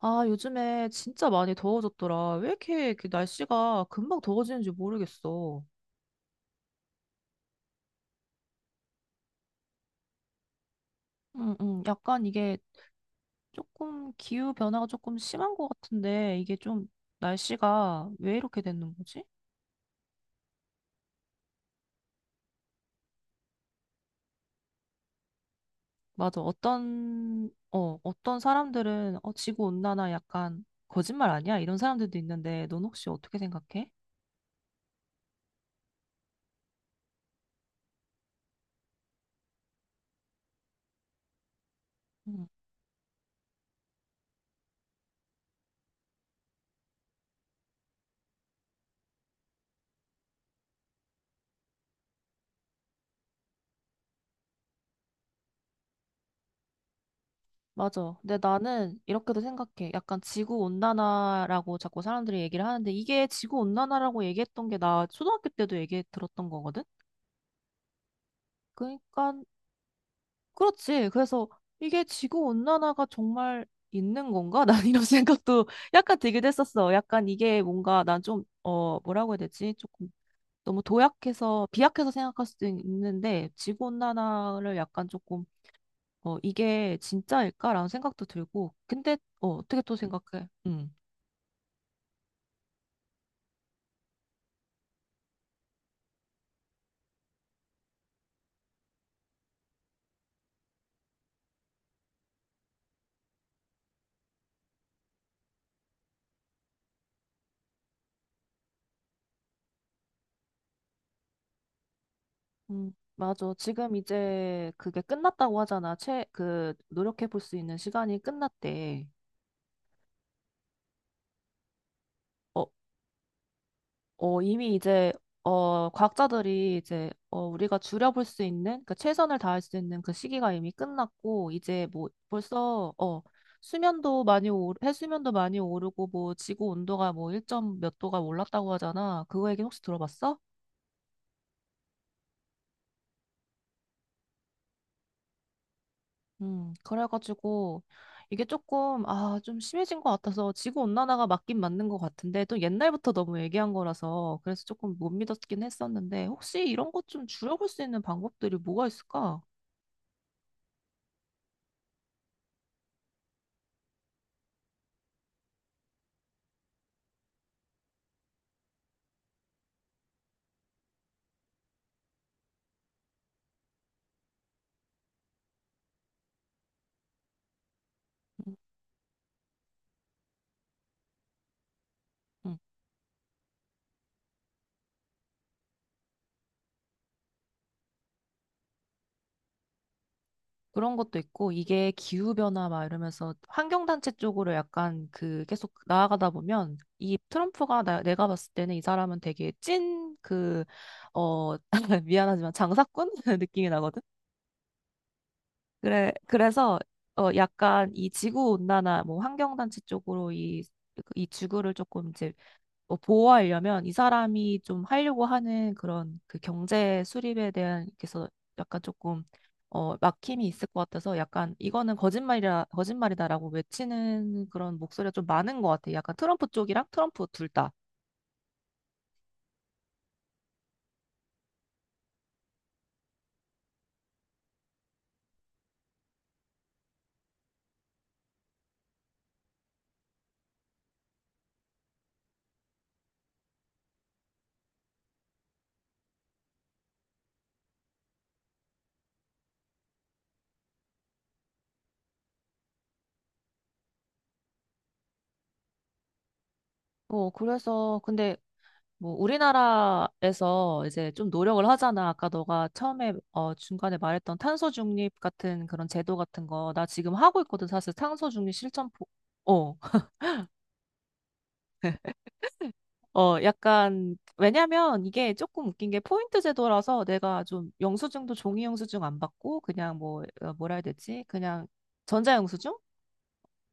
아, 요즘에 진짜 많이 더워졌더라. 왜 이렇게 날씨가 금방 더워지는지 모르겠어. 응, 응. 약간 이게 조금 기후 변화가 조금 심한 것 같은데 이게 좀 날씨가 왜 이렇게 되는 거지? 맞아. 어떤 사람들은 지구 온난화 약간 거짓말 아니야? 이런 사람들도 있는데 넌 혹시 어떻게 생각해? 맞아. 근데 나는 이렇게도 생각해. 약간 지구 온난화라고 자꾸 사람들이 얘기를 하는데 이게 지구 온난화라고 얘기했던 게 나 초등학교 때도 얘기 들었던 거거든. 그러니까 그렇지. 그래서 이게 지구 온난화가 정말 있는 건가? 난 이런 생각도 약간 들기도 했었어. 약간 이게 뭔가 난 좀, 뭐라고 해야 되지? 조금 너무 도약해서 비약해서 생각할 수도 있는데 지구 온난화를 약간 조금 이게 진짜일까라는 생각도 들고. 근데 어떻게 또 생각해? 응. 맞아. 지금 이제 그게 끝났다고 하잖아. 그 노력해 볼 수 있는 시간이 끝났대. 어, 어, 이미 이제, 과학자들이 이제, 우리가 줄여볼 수 있는, 그 최선을 다할 수 있는 그 시기가 이미 끝났고, 이제 뭐, 벌써, 해수면도 많이 오르고, 뭐, 지구 온도가 뭐, 1점 몇 도가 올랐다고 하잖아. 그거 얘기 혹시 들어봤어? 그래가지고 이게 조금 좀 심해진 것 같아서 지구 온난화가 맞긴 맞는 것 같은데 또 옛날부터 너무 얘기한 거라서 그래서 조금 못 믿었긴 했었는데 혹시 이런 것 좀 줄여볼 수 있는 방법들이 뭐가 있을까? 음, 음. 그런 것도 있고 이게 기후 변화 막 이러면서 환경 단체 쪽으로 약간 그 계속 나아가다 보면 이 트럼프가 내가 봤을 때는 이 사람은 되게 찐 그 어 미안하지만 장사꾼 느낌이 나거든. 그래, 그래서 약간 이 지구 온난화 뭐 환경 단체 쪽으로 이 지구를 조금 이제 보호하려면 이 사람이 좀 하려고 하는 그런 그 경제 수립에 대한 그래서 약간 조금 막힘이 있을 것 같아서 약간 이거는 거짓말이라 거짓말이다라고 외치는 그런 목소리가 좀 많은 것 같아요. 약간 트럼프 쪽이랑 트럼프 둘 다. 그래서 근데 뭐 우리나라에서 이제 좀 노력을 하잖아. 아까 너가 처음에 중간에 말했던 탄소 중립 같은 그런 제도 같은 거 나 지금 하고 있거든. 사실 탄소 중립 실천 어, 약간, 왜냐면 이게 조금 웃긴 게 포인트 제도라서 내가 좀 영수증도 종이 영수증 안 받고 그냥 뭐, 뭐라 해야 되지? 그냥 전자 영수증?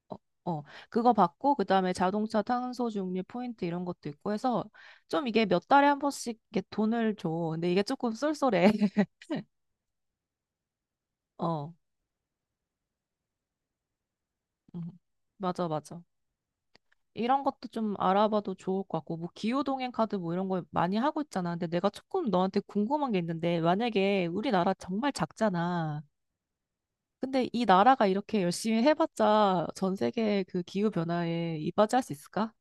어, 어, 그거 받고 그다음에 자동차 탄소 중립 포인트 이런 것도 있고 해서 좀 이게 몇 달에 한 번씩 이렇게 돈을 줘. 근데 이게 조금 쏠쏠해. 어, 음. 맞아, 맞아. 이런 것도 좀 알아봐도 좋을 것 같고, 뭐, 기후동행 카드 뭐 이런 거 많이 하고 있잖아. 근데 내가 조금 너한테 궁금한 게 있는데, 만약에 우리나라 정말 작잖아. 근데 이 나라가 이렇게 열심히 해봤자 전 세계 그 기후변화에 이바지할 수 있을까?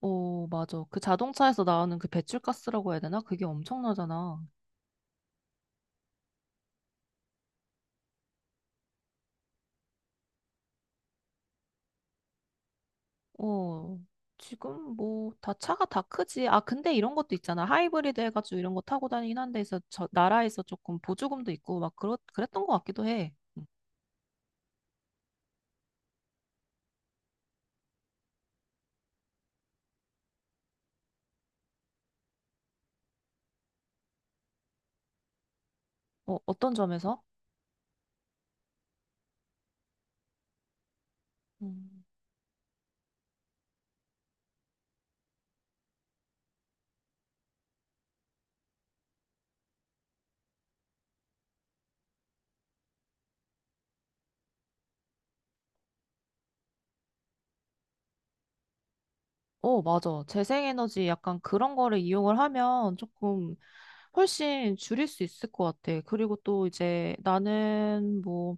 오, 맞아. 그 자동차에서 나오는 그 배출가스라고 해야 되나? 그게 엄청나잖아. 어, 지금 뭐 다 차가 다 크지. 아, 근데 이런 것도 있잖아. 하이브리드 해가지고 이런 거 타고 다니긴 한데 서저 나라에서 조금 보조금도 있고 막 그렇 그랬던 것 같기도 해. 음. 어, 어떤 점에서? 음. 어, 맞아. 재생에너지 약간 그런 거를 이용을 하면 조금 훨씬 줄일 수 있을 것 같아. 그리고 또 이제 나는 뭐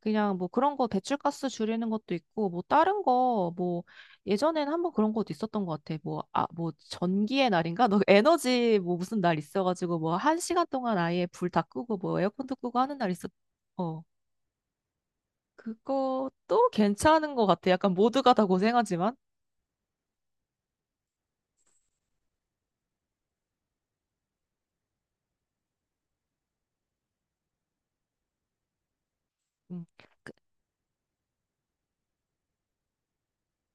그냥 뭐 그런 거 배출가스 줄이는 것도 있고 뭐 다른 거 뭐 예전에는 한번 그런 것도 있었던 것 같아. 뭐 아 뭐 전기의 날인가? 너 에너지 뭐 무슨 날 있어가지고 뭐 한 시간 동안 아예 불 다 끄고 뭐 에어컨도 끄고 하는 날 있었. 어 그것도 괜찮은 것 같아. 약간 모두가 다 고생하지만. 음.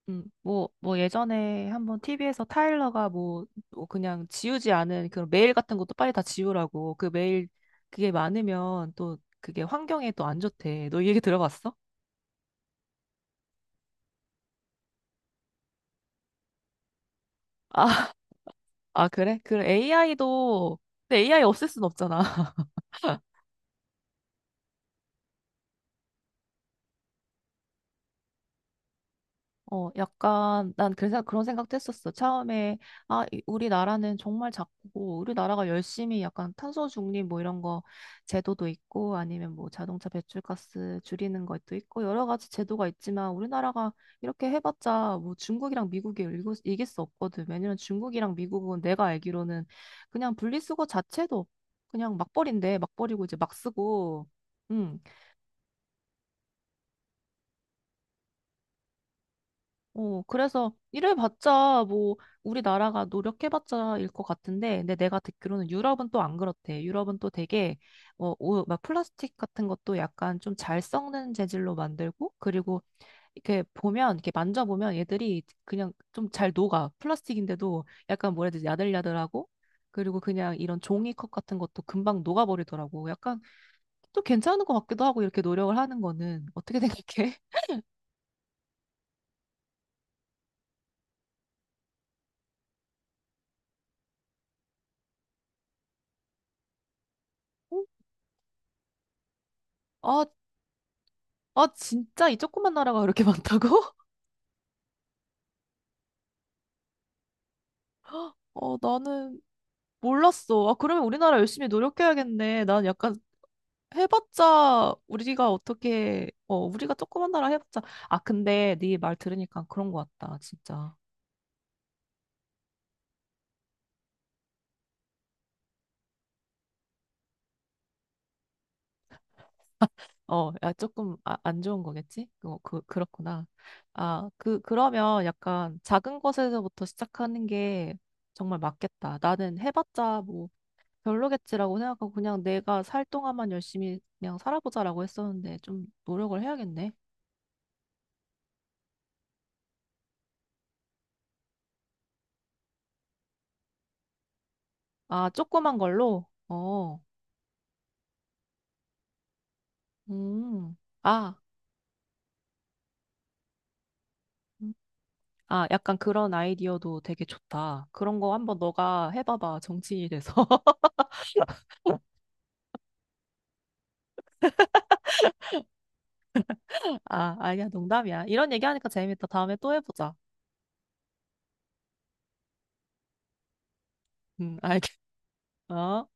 뭐, 뭐 예전에 한번 TV에서 타일러가 뭐, 뭐 그냥 지우지 않은 그런 메일 같은 것도 빨리 다 지우라고. 그 메일 그게 많으면 또 그게 환경에 또 안 좋대. 너 이 얘기 들어봤어? 아, 아 그래? 그래 AI도 근데 AI 없앨 순 없잖아. 어, 약간, 난 그래서 그런 생각도 했었어. 처음에, 아, 우리나라는 정말 작고, 우리나라가 열심히 약간 탄소 중립 뭐 이런 거 제도도 있고, 아니면 뭐 자동차 배출가스 줄이는 것도 있고, 여러 가지 제도가 있지만, 우리나라가 이렇게 해봤자 뭐 중국이랑 미국이 이길 수 없거든. 왜냐면 중국이랑 미국은 내가 알기로는 그냥 분리수거 자체도 그냥 막 버린대. 막 버리고 이제 막 쓰고, 음. 어, 그래서 이래봤자 뭐 우리나라가 노력해봤자 일 것 같은데, 근데 내가 듣기로는 유럽은 또 안 그렇대. 유럽은 또 되게 오, 막 플라스틱 같은 것도 약간 좀 잘 썩는 재질로 만들고, 그리고 이렇게 보면 이렇게 만져보면 얘들이 그냥 좀 잘 녹아. 플라스틱인데도 약간 뭐라 해야 되지? 야들야들하고. 그리고 그냥 이런 종이컵 같은 것도 금방 녹아버리더라고. 약간 또 괜찮은 것 같기도 하고 이렇게 노력을 하는 거는 어떻게 생각해? 어? 아, 아, 진짜 이 조그만 나라가 그렇게 많다고? 어, 나는 몰랐어. 아, 그러면 우리나라 열심히 노력해야겠네. 난 약간 해봤자 우리가 어떻게, 어, 우리가 조그만 나라 해봤자. 아, 근데 네 말 들으니까 그런 것 같다, 진짜. 어, 야, 조금 안 좋은 거겠지? 어, 그렇구나. 아, 그러면 약간 작은 것에서부터 시작하는 게 정말 맞겠다. 나는 해봤자 뭐 별로겠지라고 생각하고 그냥 내가 살 동안만 열심히 그냥 살아보자라고 했었는데 좀 노력을 해야겠네. 아, 조그만 걸로? 어, 음, 아, 음. 아, 약간 그런 아이디어도 되게 좋다. 그런 거 한번 너가 해봐봐, 정치인이 돼서. 아, 아니야, 농담이야. 이런 얘기하니까 재밌다. 다음에 또 해보자. 음, 알겠어.